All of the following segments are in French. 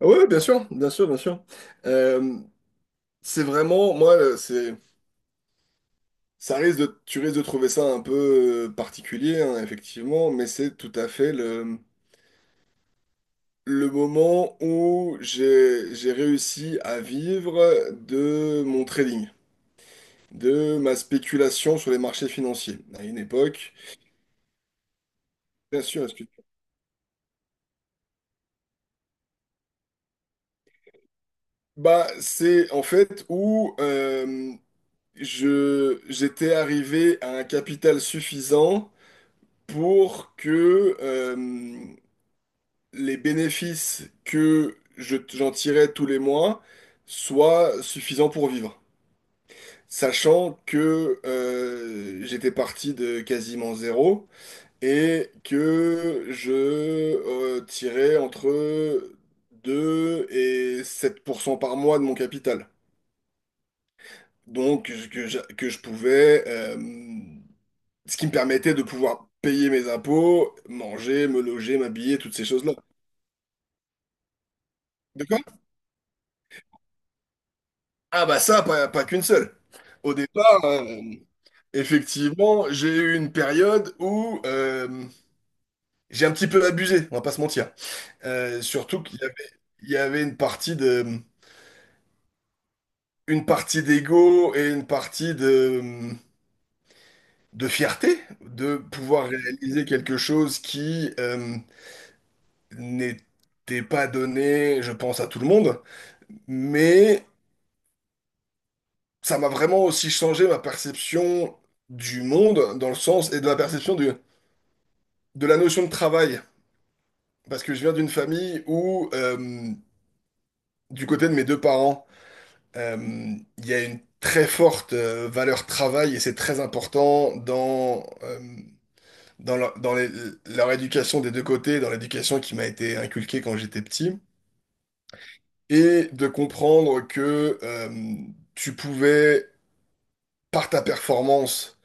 Oui, oui, bien sûr, bien sûr, bien sûr. Euh, c'est vraiment, moi, c'est, ça risque de, tu risques de trouver ça un peu particulier, hein, effectivement, mais c'est tout à fait le moment où j'ai réussi à vivre de mon trading, de ma spéculation sur les marchés financiers. À une époque, bien sûr. Excuse. Bah, c'est en fait où j'étais arrivé à un capital suffisant pour que les bénéfices que j'en tirais tous les mois soient suffisants pour vivre. Sachant que j'étais parti de quasiment zéro et que je tirais entre 2 et 7% par mois de mon capital. Donc que je pouvais, ce qui me permettait de pouvoir payer mes impôts, manger, me loger, m'habiller, toutes ces choses-là. De quoi? Ah bah ça, pas, qu'une seule. Au départ, effectivement, j'ai eu une période où j'ai un petit peu abusé, on va pas se mentir. Surtout qu'il y avait, une partie d'ego et une partie de fierté de pouvoir réaliser quelque chose qui n'était pas donné, je pense, à tout le monde. Mais ça m'a vraiment aussi changé ma perception du monde dans le sens et de la perception du, de la notion de travail, parce que je viens d'une famille où, du côté de mes deux parents, il y a une très forte valeur travail et c'est très important dans leur éducation des deux côtés, dans l'éducation qui m'a été inculquée quand j'étais petit, et de comprendre que tu pouvais, par ta performance,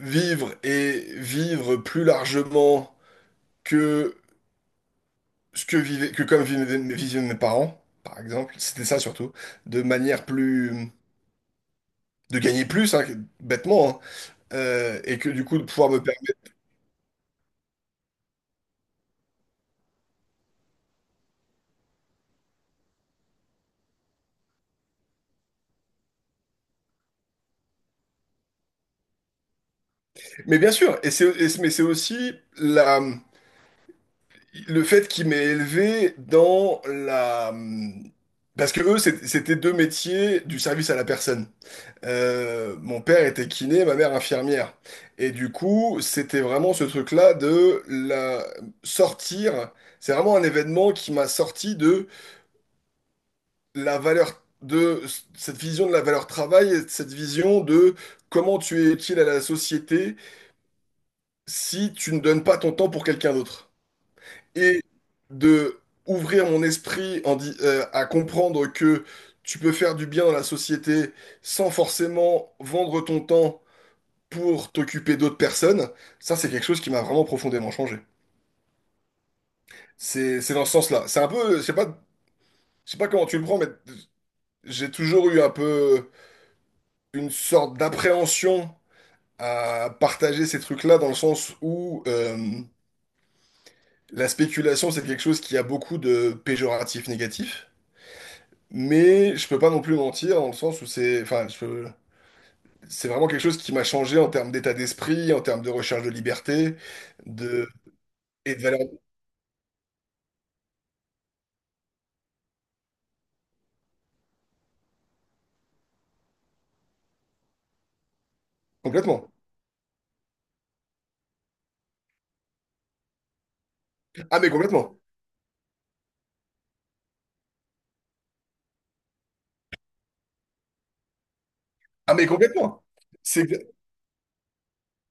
vivre et vivre plus largement que comme vivaient mes parents, par exemple, c'était ça surtout, de manière plus, de gagner plus, hein, bêtement, hein, et que du coup de pouvoir me permettre. Mais bien sûr, mais c'est aussi la, le fait qu'il m'ait élevé dans la, parce que eux, c'était deux métiers du service à la personne. Mon père était kiné, ma mère infirmière. Et du coup, c'était vraiment ce truc-là de la sortir. C'est vraiment un événement qui m'a sorti de la valeur de cette vision de la valeur travail, et cette vision de comment tu es utile à la société si tu ne donnes pas ton temps pour quelqu'un d'autre. Et de ouvrir mon esprit à comprendre que tu peux faire du bien dans la société sans forcément vendre ton temps pour t'occuper d'autres personnes, ça c'est quelque chose qui m'a vraiment profondément changé. C'est dans ce sens-là. C'est un peu, je sais pas comment tu le prends, mais j'ai toujours eu un peu une sorte d'appréhension à partager ces trucs-là dans le sens où la spéculation, c'est quelque chose qui a beaucoup de péjoratifs négatifs, mais je peux pas non plus mentir dans le sens où c'est, enfin, c'est vraiment quelque chose qui m'a changé en termes d'état d'esprit, en termes de recherche de liberté, de et de valeur. Complètement. Ah mais complètement. Ah mais complètement. C'est,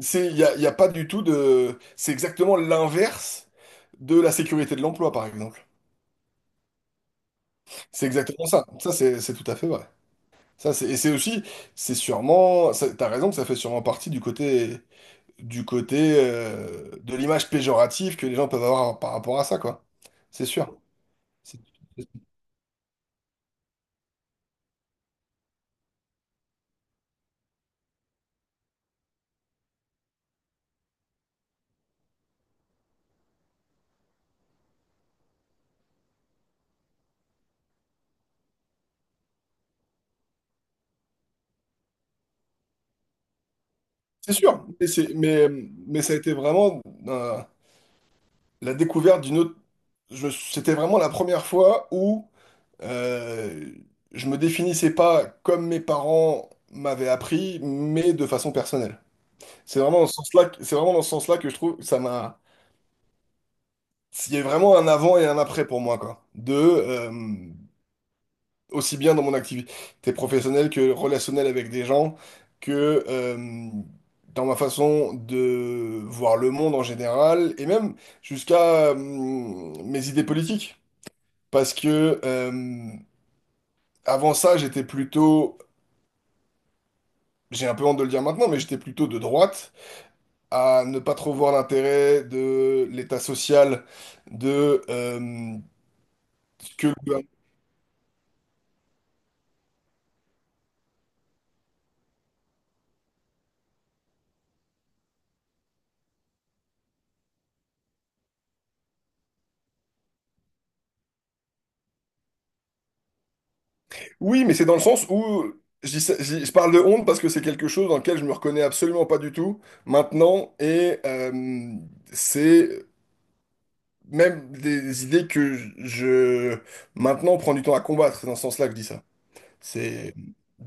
il y a, y a pas du tout de, c'est exactement l'inverse de la sécurité de l'emploi par exemple. C'est exactement ça. Ça c'est tout à fait vrai. Ça, c'est, et c'est aussi, c'est sûrement, t'as raison que ça fait sûrement partie du côté, de l'image péjorative que les gens peuvent avoir par rapport à ça, quoi. C'est sûr. C'est c'est sûr. Mais, mais ça a été vraiment euh, la découverte d'une autre. C'était vraiment la première fois où euh, je me définissais pas comme mes parents m'avaient appris, mais de façon personnelle. C'est vraiment dans ce sens-là, c'est vraiment dans ce sens-là que je trouve que ça m'a. Il y a vraiment un avant et un après pour moi, quoi. Aussi bien dans mon activité professionnelle que relationnelle avec des gens, que dans ma façon de voir le monde en général, et même jusqu'à mes idées politiques. Parce que avant ça, j'étais plutôt, j'ai un peu honte de le dire maintenant, mais j'étais plutôt de droite, à ne pas trop voir l'intérêt de l'état social, de ce que le. Oui, mais c'est dans le sens où je parle de honte parce que c'est quelque chose dans lequel je me reconnais absolument pas du tout maintenant et c'est même des idées que je- maintenant prends du temps à combattre. C'est dans ce sens-là que je dis ça. C'est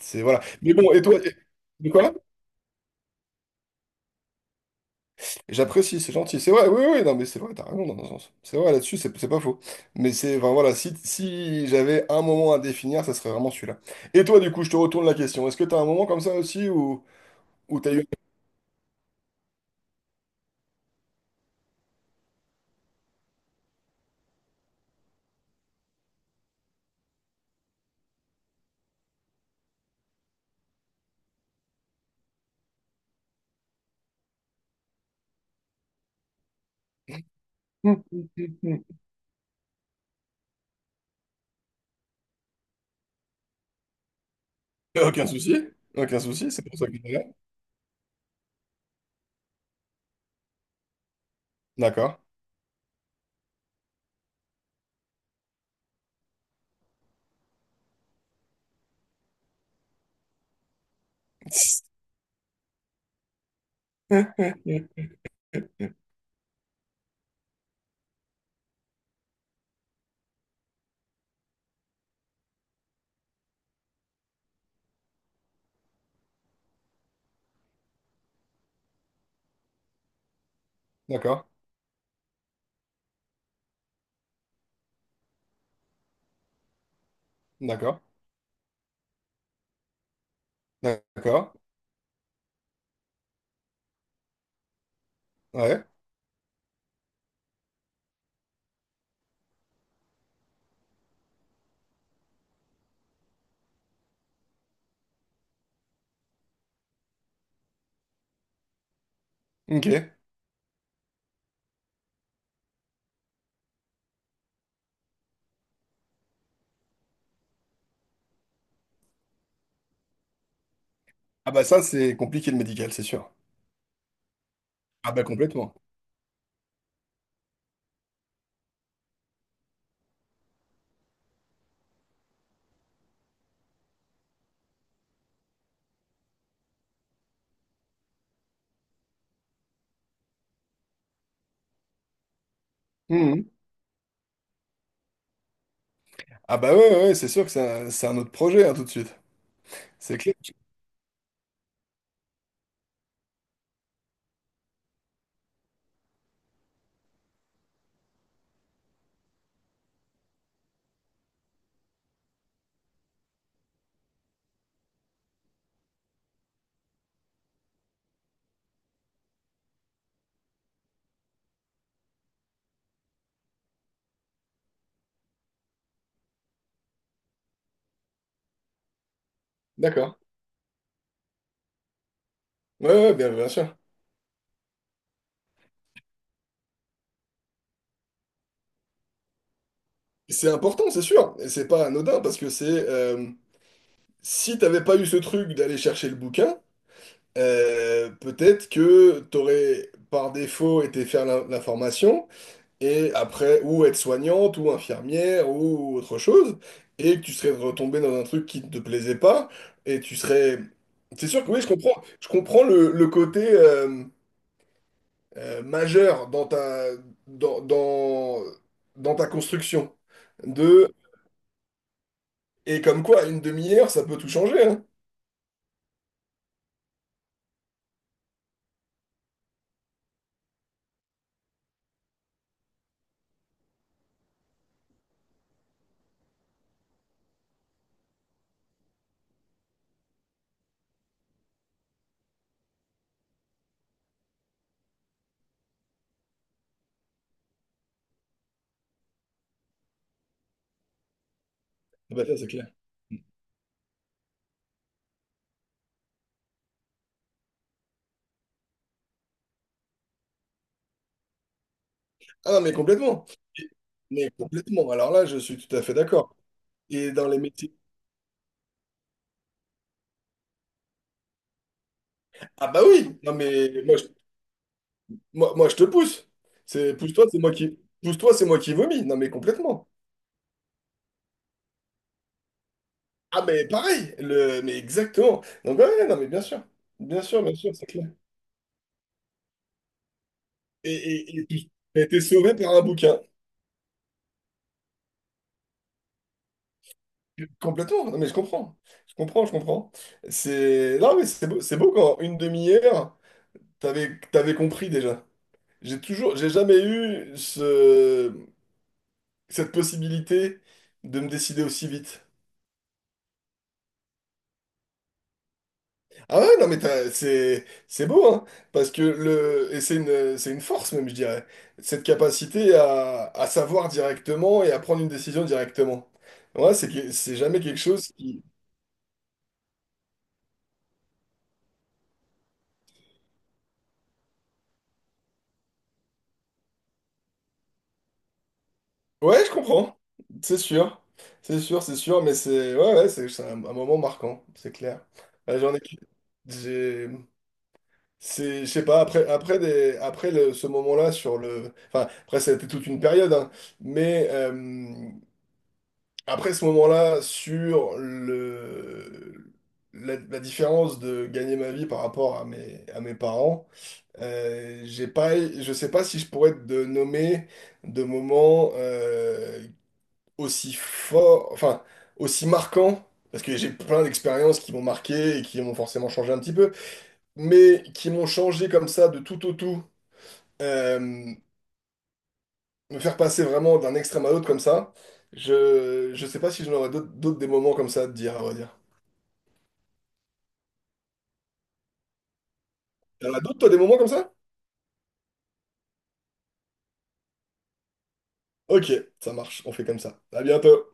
c'est voilà. Mais bon, et toi, et- de quoi? J'apprécie, c'est gentil. C'est vrai, oui, oui, non, mais c'est vrai, t'as raison dans un sens. C'est vrai là-dessus, c'est pas faux. Mais c'est, enfin voilà, si j'avais un moment à définir, ça serait vraiment celui-là. Et toi, du coup, je te retourne la question. Est-ce que t'as un moment comme ça aussi où, t'as eu. Hmm. Aucun souci, aucun souci, c'est pour ça que je l'ai. D'accord. D'accord, d'accord, d'accord, ouais, ok. Ah bah ça, c'est compliqué le médical, c'est sûr. Ah bah complètement. Mhm. Ah bah ouais, ouais, ouais, c'est sûr que c'est un autre projet, hein, tout de suite. C'est clair. D'accord. Ouais, ouais, bien, bien sûr. C'est important, c'est sûr. Et c'est pas anodin, parce que si t'avais pas eu ce truc d'aller chercher le bouquin, peut-être que t'aurais, par défaut, été faire la formation et après, ou être soignante, ou infirmière, ou autre chose, et que tu serais retombé dans un truc qui ne te plaisait pas, et tu serais. C'est sûr que oui, je comprends le côté majeur dans dans, dans, ta construction. De. Et comme quoi, une demi-heure, ça peut tout changer, hein. Ah bah ça, c'est clair. Ah non, mais complètement. Mais complètement. Alors là, je suis tout à fait d'accord. Et dans les métiers. Ah bah oui! Non, mais moi. Moi, je te pousse. C'est pousse-toi, c'est moi qui pousse-toi, c'est moi qui vomis. Non, mais complètement. Ah, mais pareil. Mais exactement. Donc ouais, ouais, non, mais bien sûr, bien sûr, bien sûr, c'est clair. Et tu t'as été sauvé par un bouquin. Complètement. Non, mais je comprends. Je comprends, je comprends. C'est non, mais c'est beau quand une demi-heure, t'avais compris déjà. J'ai jamais eu ce cette possibilité de me décider aussi vite. Ah ouais, non mais c'est beau hein, parce que le et c'est une force même je dirais, cette capacité à savoir directement et à prendre une décision directement. Ouais, c'est jamais quelque chose qui. Ouais, je comprends. C'est sûr. C'est sûr, c'est sûr mais c'est ouais ouais, c'est un moment marquant, c'est clair. Ouais, j'ai c'est je sais pas après ce moment-là sur le enfin après ça a été toute une période hein, mais après ce moment-là, sur la différence de gagner ma vie par rapport à mes parents, j'ai pas, je sais pas si je pourrais te nommer de moments aussi forts, enfin, aussi marquants, parce que j'ai plein d'expériences qui m'ont marqué et qui m'ont forcément changé un petit peu, mais qui m'ont changé comme ça de tout au tout, euh, me faire passer vraiment d'un extrême à l'autre comme ça. Je sais pas si j'en aurais d'autres des moments comme ça à te dire, à vrai dire. Y'en a d'autres, toi, des moments comme ça? Ok, ça marche, on fait comme ça. À bientôt.